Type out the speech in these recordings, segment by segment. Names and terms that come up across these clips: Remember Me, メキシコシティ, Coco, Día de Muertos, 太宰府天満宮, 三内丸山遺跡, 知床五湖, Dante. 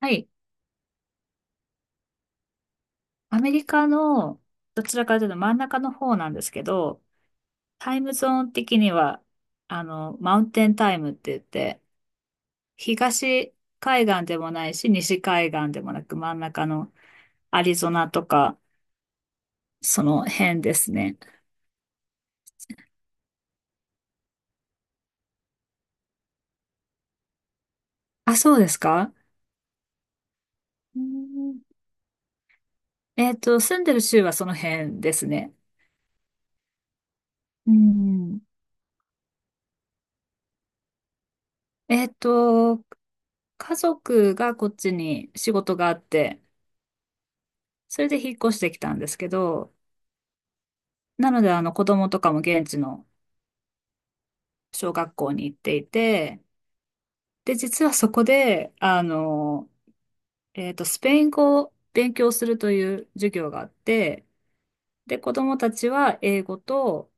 はい。アメリカの、どちらかというと真ん中の方なんですけど、タイムゾーン的には、マウンテンタイムって言って、東海岸でもないし、西海岸でもなく、真ん中のアリゾナとか、その辺ですね。あ、そうですか。うん。住んでる州はその辺ですね。うん。えっと、家族がこっちに仕事があって、それで引っ越してきたんですけど、なので、子供とかも現地の小学校に行っていて、で、実はそこで、スペイン語を勉強するという授業があって、で、子供たちは英語と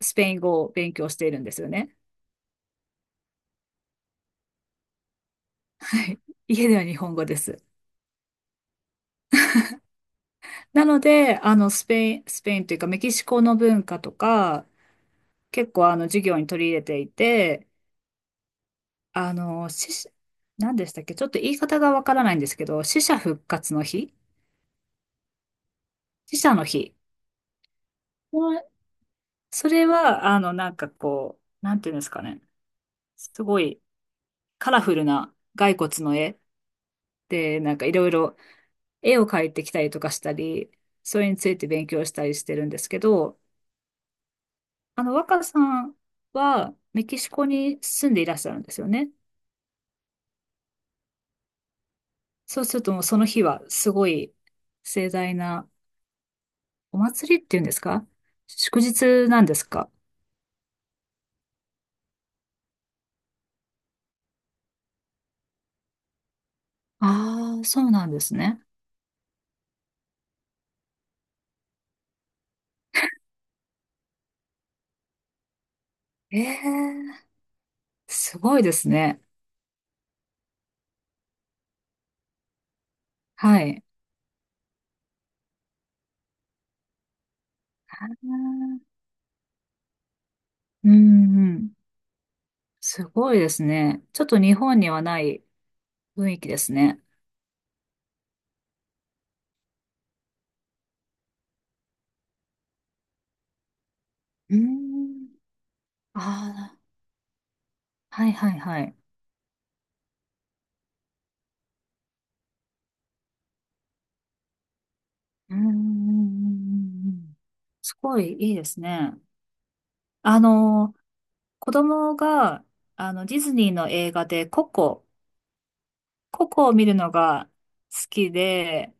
スペイン語を勉強しているんですよね。はい。家では日本語です。なので、スペインというかメキシコの文化とか、結構授業に取り入れていて、あの、し、何でしたっけ、ちょっと言い方がわからないんですけど、死者復活の日。死者の日。まあ、それは、なんかこう、なんていうんですかね。すごいカラフルな骸骨の絵で、なんかいろいろ絵を描いてきたりとかしたり、それについて勉強したりしてるんですけど、若さんはメキシコに住んでいらっしゃるんですよね。そうするともうその日はすごい盛大なお祭りっていうんですか？祝日なんですか？ああー、そうなんですね。ええ、すごいですね。はい。うん、うん。すごいですね。ちょっと日本にはない雰囲気ですね。うん。ああ、はい、はい、はい。うん、うん、うん、うん。すごいいいですね。あの、子供が、ディズニーの映画でココ、ココを見るのが好きで、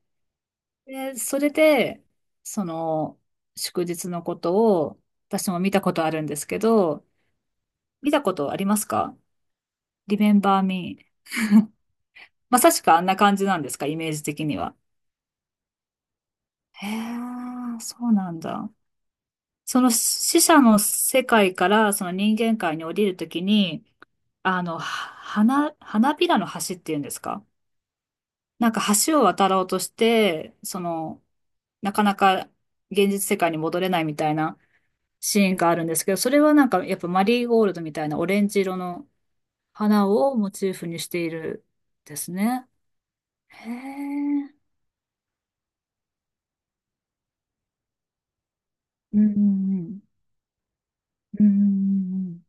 で、それで、その、祝日のことを、私も見たことあるんですけど、見たことありますか？ Remember Me。 まさしくあんな感じなんですか、イメージ的には。へえ、そうなんだ。その死者の世界からその人間界に降りるときに、花びらの橋っていうんですか？なんか橋を渡ろうとして、その、なかなか現実世界に戻れないみたいなシーンがあるんですけど、それはなんかやっぱマリーゴールドみたいなオレンジ色の花をモチーフにしているですね。へえ。うん、うん、うん。うん、うん、うん、うん、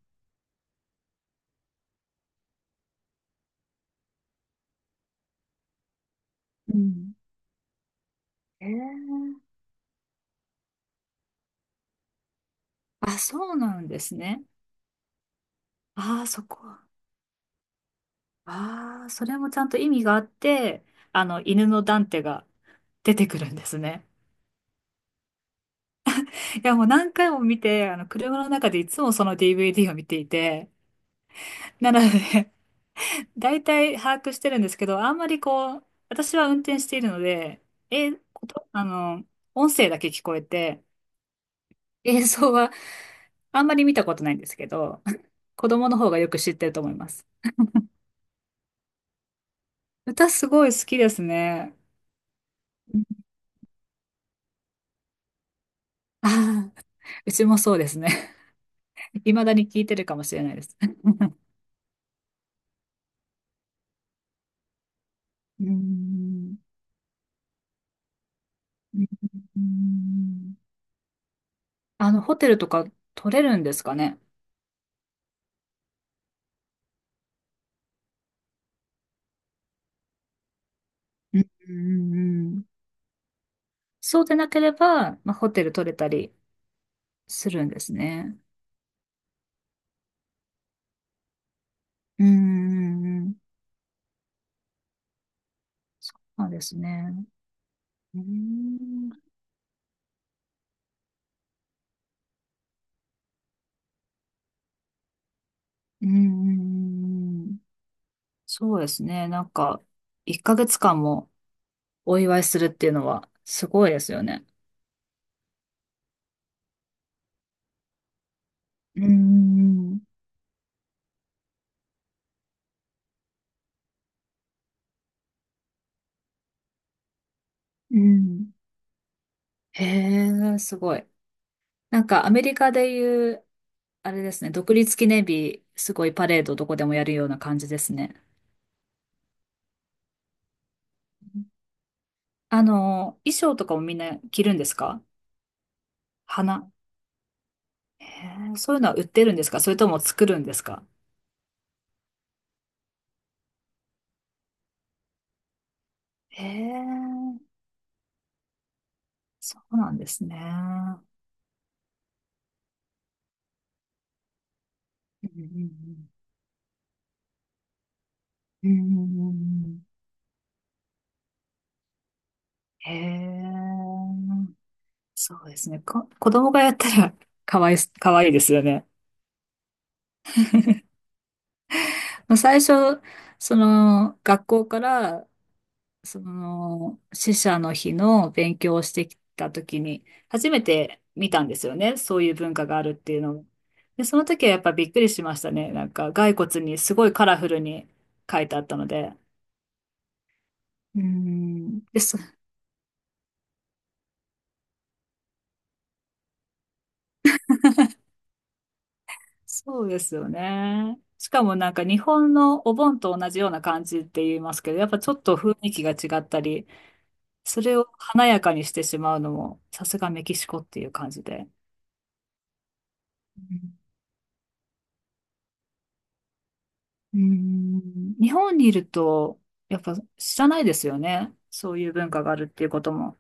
うん。えー、あ、そうなんですね。ああ、そこ。ああ、それもちゃんと意味があって、犬のダンテが出てくるんですね。いや、もう何回も見て、車の中でいつもその DVD を見ていて、なので、大体把握してるんですけど、あんまりこう、私は運転しているので、え、ことあの、音声だけ聞こえて、映像はあんまり見たことないんですけど、子供の方がよく知ってると思います。歌すごい好きですね。ああ、うちもそうですね。未だに聞いてるかもしれないです。うーん。うーん。ホテルとか取れるんですかね。うん、うん、うん。そうでなければ、まあ、ホテル取れたりするんですね。うん、うん、うん。そうなんですね。うーん。うん、うん、うん。そうですね。なんか、1ヶ月間もお祝いするっていうのはすごいですよね。うん、うん、うん。うん。へえ、すごい。なんかアメリカでいう、あれですね、独立記念日、すごいパレードどこでもやるような感じですね。衣装とかもみんな着るんですか？花。へえ、そういうのは売ってるんですか、それとも作るんですか？へえ、そうなんですね。うん、うん、うん。うん、うん、うん。へえ、そうですね。子供がやったら かわいいですよね。最初、その、学校からその、死者の日の勉強をしてきた時に、初めて見たんですよね。そういう文化があるっていうのを。で、その時はやっぱびっくりしましたね。なんか、骸骨にすごいカラフルに書いてあったので。うーん。で、そうですよね。しかもなんか日本のお盆と同じような感じって言いますけど、やっぱちょっと雰囲気が違ったり、それを華やかにしてしまうのも、さすがメキシコっていう感じで。うーん、日本にいると、やっぱ知らないですよね。そういう文化があるっていうことも。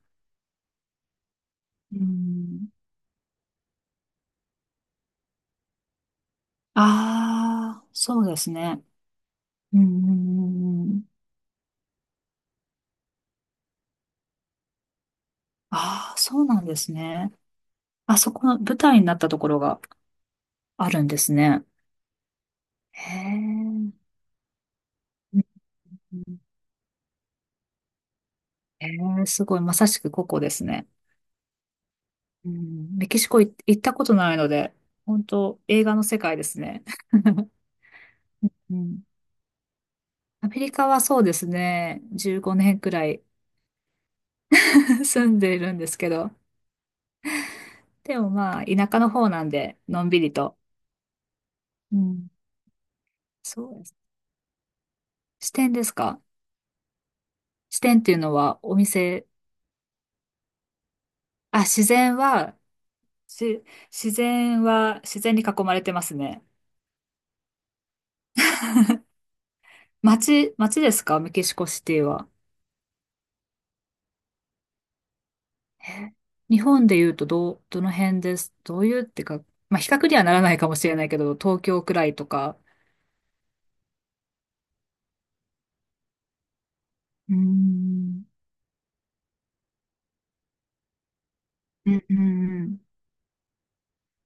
うーん、ああ、そうですね。うーん、ああ、そうなんですね。あそこの舞台になったところがあるんですね。へえ、うん。へえ、すごい、まさしくここですね。うん、メキシコ行ったことないので、本当映画の世界ですね。うん。アメリカはそうですね、15年くらい 住んでいるんですけど、でもまあ、田舎の方なんで、のんびりと。うん。そうです。支店ですか？支店っていうのは、お店、あ、自然は、し、自然は、自然に囲まれてますね。街ですか、メキシコシティは？え日本で言うと、どの辺です。どういうってか、まあ、比較にはならないかもしれないけど、東京くらいとか。うーん。うん、うん、うん。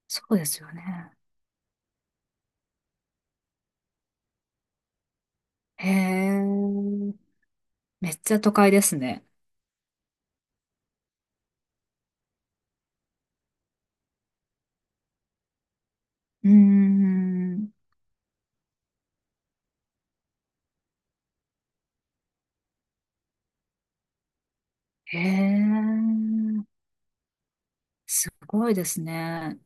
そうですよね。へえ。めっちゃ都会ですね。うーん。へえ。すごいですね。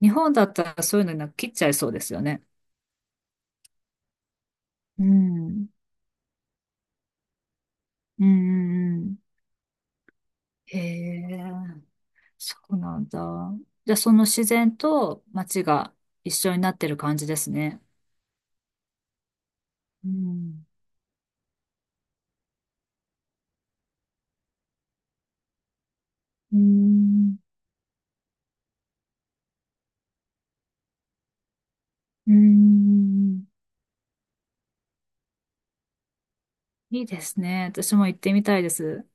日本だったらそういうのなんか切っちゃいそうですよね。うん。うん、うん、うん。へえ。そうなんだ。じゃあその自然と街が一緒になってる感じですね。うん。うん。うん。いいですね。私も行ってみたいです。